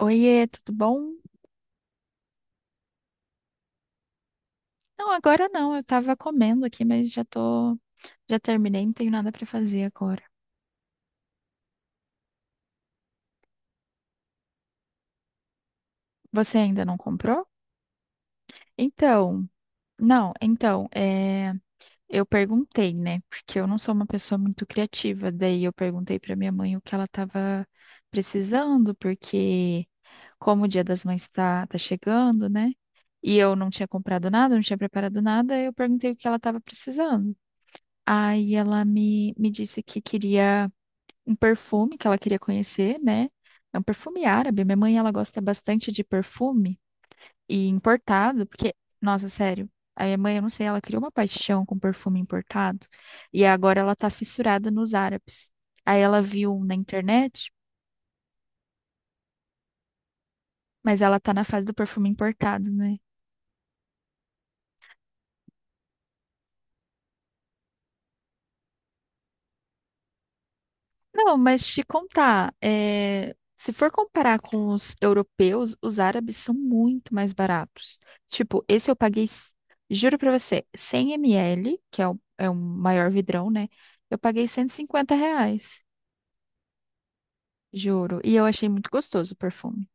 Oiê, tudo bom? Não, agora não, eu tava comendo aqui, mas já tô, já terminei, não tenho nada pra fazer agora. Você ainda não comprou? Então, não, então, eu perguntei, né? Porque eu não sou uma pessoa muito criativa, daí eu perguntei pra minha mãe o que ela tava precisando, porque como o Dia das Mães tá chegando, né? E eu não tinha comprado nada, não tinha preparado nada, eu perguntei o que ela tava precisando. Aí ela me disse que queria um perfume que ela queria conhecer, né? É um perfume árabe. Minha mãe, ela gosta bastante de perfume e importado, porque, nossa, sério, a minha mãe, eu não sei, ela criou uma paixão com perfume importado e agora ela tá fissurada nos árabes. Aí ela viu um na internet, mas ela tá na fase do perfume importado, né? Não, mas te contar, se for comparar com os europeus, os árabes são muito mais baratos. Tipo, esse eu paguei, juro pra você, 100 ml, que é é o maior vidrão, né? Eu paguei R$ 150, juro. E eu achei muito gostoso o perfume.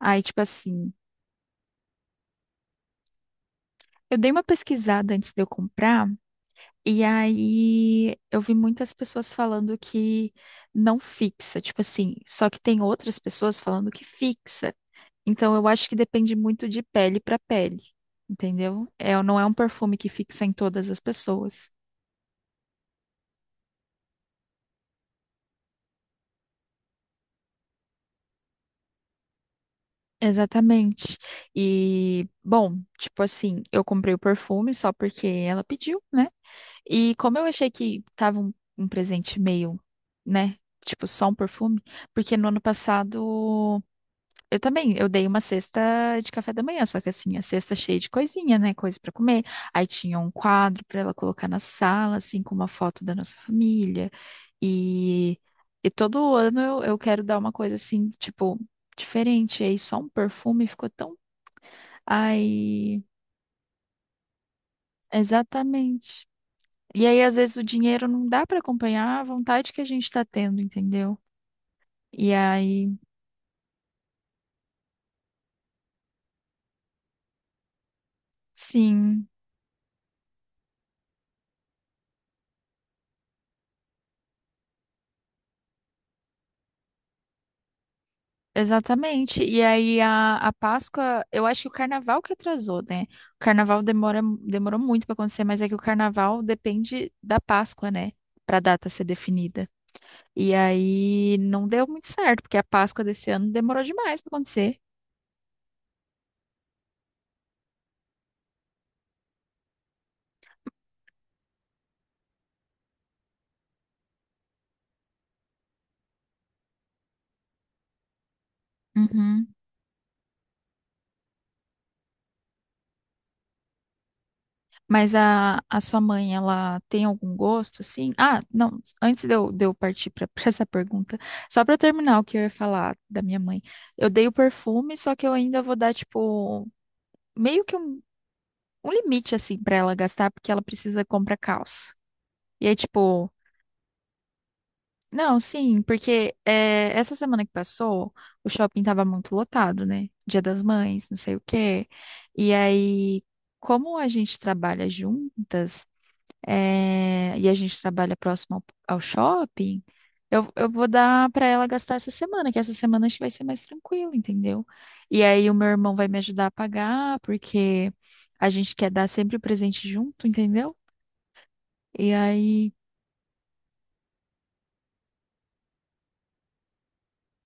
Aí, tipo assim, eu dei uma pesquisada antes de eu comprar, e aí eu vi muitas pessoas falando que não fixa. Tipo assim, só que tem outras pessoas falando que fixa. Então, eu acho que depende muito de pele para pele, entendeu? É, não é um perfume que fixa em todas as pessoas. Exatamente. E, bom, tipo assim, eu comprei o perfume só porque ela pediu, né? E como eu achei que tava um presente meio, né? Tipo, só um perfume, porque no ano passado eu também, eu dei uma cesta de café da manhã, só que assim, a cesta cheia de coisinha, né? Coisa pra comer. Aí tinha um quadro pra ela colocar na sala, assim, com uma foto da nossa família. E, e todo ano eu quero dar uma coisa assim, tipo, diferente. E aí só um perfume ficou tão. Aí, exatamente. E aí, às vezes, o dinheiro não dá pra acompanhar a vontade que a gente tá tendo, entendeu? E aí, sim. Exatamente. E aí a Páscoa, eu acho que o carnaval que atrasou, né? O carnaval demorou muito para acontecer, mas é que o carnaval depende da Páscoa, né? Para a data ser definida. E aí não deu muito certo, porque a Páscoa desse ano demorou demais para acontecer. Uhum. Mas a sua mãe, ela tem algum gosto, assim? Ah, não, antes de de eu partir para essa pergunta, só para terminar o que eu ia falar da minha mãe. Eu dei o perfume, só que eu ainda vou dar, tipo, meio que um um limite assim pra ela gastar, porque ela precisa comprar calça. E aí, tipo, não, sim, porque essa semana que passou, o shopping tava muito lotado, né? Dia das Mães, não sei o quê. E aí, como a gente trabalha juntas, e a gente trabalha próximo ao shopping, eu vou dar pra ela gastar essa semana, que essa semana acho que vai ser mais tranquilo, entendeu? E aí o meu irmão vai me ajudar a pagar, porque a gente quer dar sempre o presente junto, entendeu? E aí,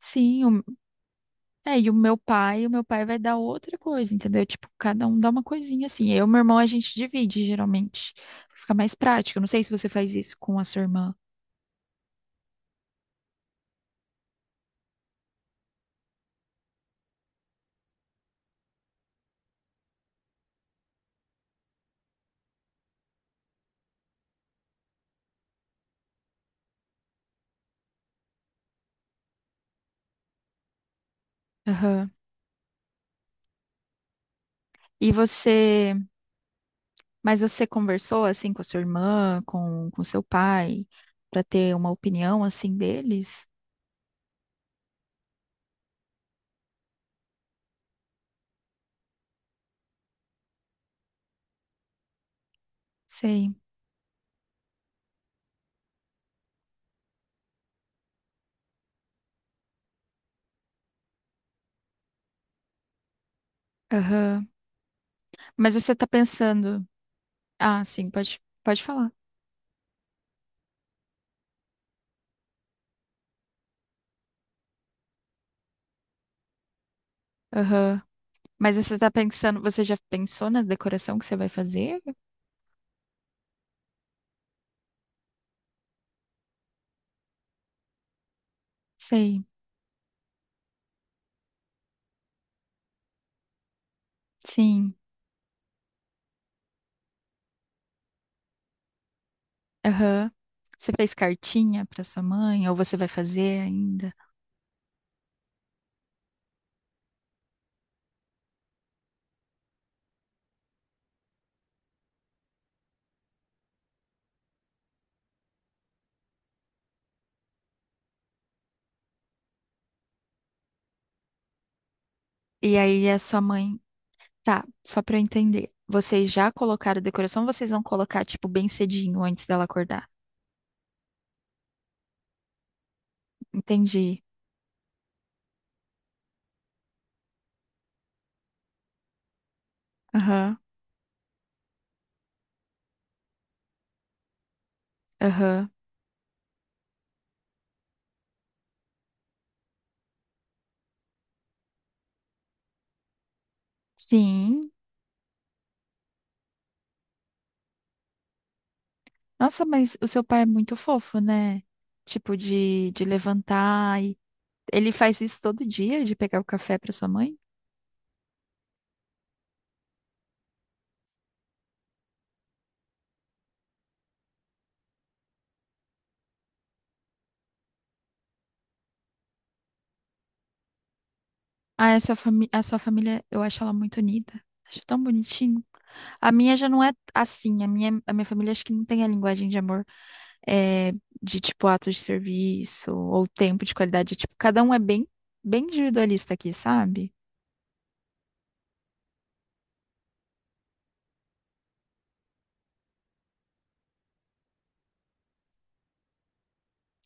sim, o- é, e o meu pai vai dar outra coisa, entendeu? Tipo, cada um dá uma coisinha assim. Eu e meu irmão a gente divide geralmente. Fica mais prático. Eu não sei se você faz isso com a sua irmã. Aham. E você, mas você conversou assim com a sua irmã, com seu pai, pra ter uma opinião assim deles? Sei. Aham. Mas você tá pensando, ah, sim, pode falar. Aham. Mas você tá pensando, você já pensou na decoração que você vai fazer? Sei. Sim, aham. Você fez cartinha para sua mãe, ou você vai fazer ainda? E aí a sua mãe, tá, só para eu entender. Vocês já colocaram decoração, ou vocês vão colocar tipo bem cedinho antes dela acordar? Entendi. Aham, aham. Sim. Nossa, mas o seu pai é muito fofo, né? Tipo de levantar e ele faz isso todo dia de pegar o café para sua mãe? Ah, a sua fami... a sua família, eu acho ela muito unida. Acho tão bonitinho. A minha já não é assim. A minha família acho que não tem a linguagem de amor é, de tipo ato de serviço ou tempo de qualidade. Tipo, cada um é bem, bem individualista aqui, sabe?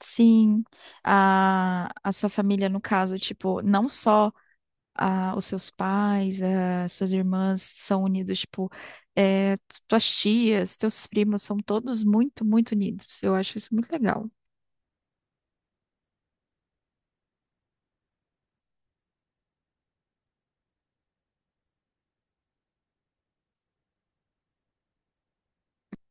Sim, a sua família, no caso, tipo, não só os seus pais, as suas irmãs são unidos, tipo, é, tuas tias, teus primos são todos muito unidos. Eu acho isso muito legal.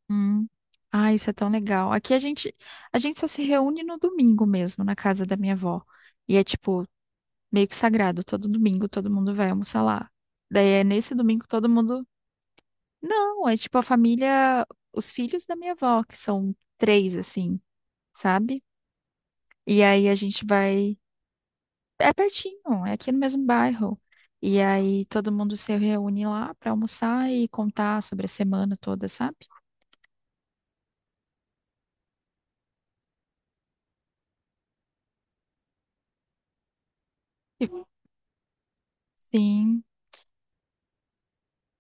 Hum. Ah, isso é tão legal. Aqui a gente só se reúne no domingo mesmo, na casa da minha avó. E é tipo, meio que sagrado. Todo domingo todo mundo vai almoçar lá. Daí é nesse domingo todo mundo. Não, é tipo a família, os filhos da minha avó, que são três, assim, sabe? E aí a gente vai. É pertinho, é aqui no mesmo bairro. E aí todo mundo se reúne lá pra almoçar e contar sobre a semana toda, sabe? E- Sim.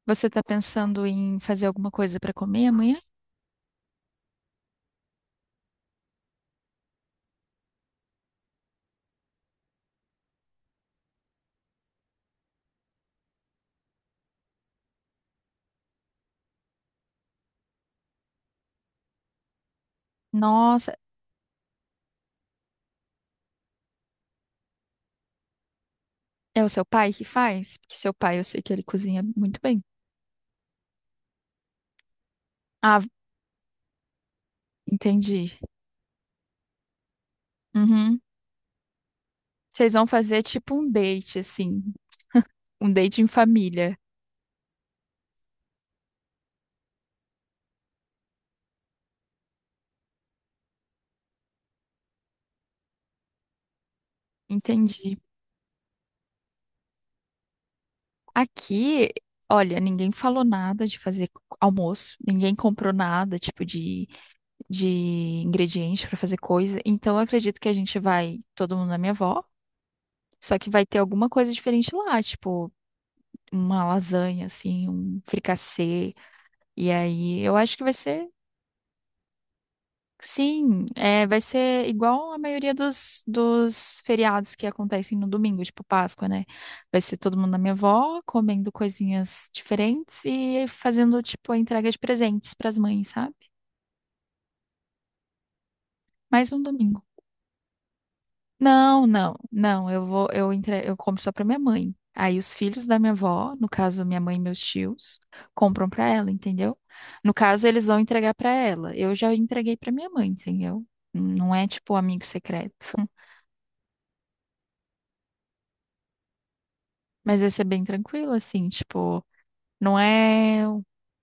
Você está pensando em fazer alguma coisa para comer amanhã? Nossa, é o seu pai que faz? Porque seu pai, eu sei que ele cozinha muito bem. Ah, entendi. Uhum. Vocês vão fazer tipo um date, assim, um date em família. Entendi. Aqui, olha, ninguém falou nada de fazer almoço, ninguém comprou nada, tipo de ingredientes para fazer coisa. Então, eu acredito que a gente vai, todo mundo na minha avó, só que vai ter alguma coisa diferente lá, tipo uma lasanha, assim, um fricassê. E aí, eu acho que vai ser, sim, vai ser igual a maioria dos feriados que acontecem no domingo, tipo Páscoa, né? Vai ser todo mundo na minha avó, comendo coisinhas diferentes e fazendo, tipo, a entrega de presentes para as mães, sabe? Mais um domingo. Não, não, não. Eu vou, eu entre, eu compro só pra minha mãe. Aí os filhos da minha avó, no caso minha mãe e meus tios, compram pra ela, entendeu? No caso eles vão entregar pra ela. Eu já entreguei pra minha mãe, entendeu? Não é tipo amigo secreto. Mas esse é bem tranquilo, assim, tipo, não é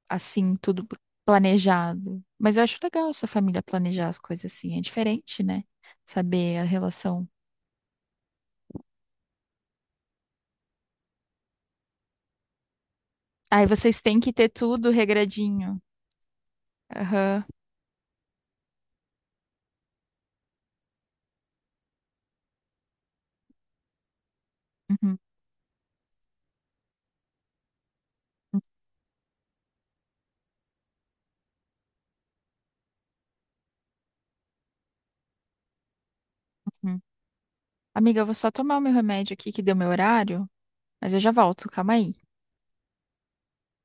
assim tudo planejado. Mas eu acho legal sua família planejar as coisas assim, é diferente, né? Saber a relação. Aí vocês têm que ter tudo regradinho. Aham. Uhum. Uhum. Amiga, eu vou só tomar o meu remédio aqui que deu meu horário, mas eu já volto, calma aí.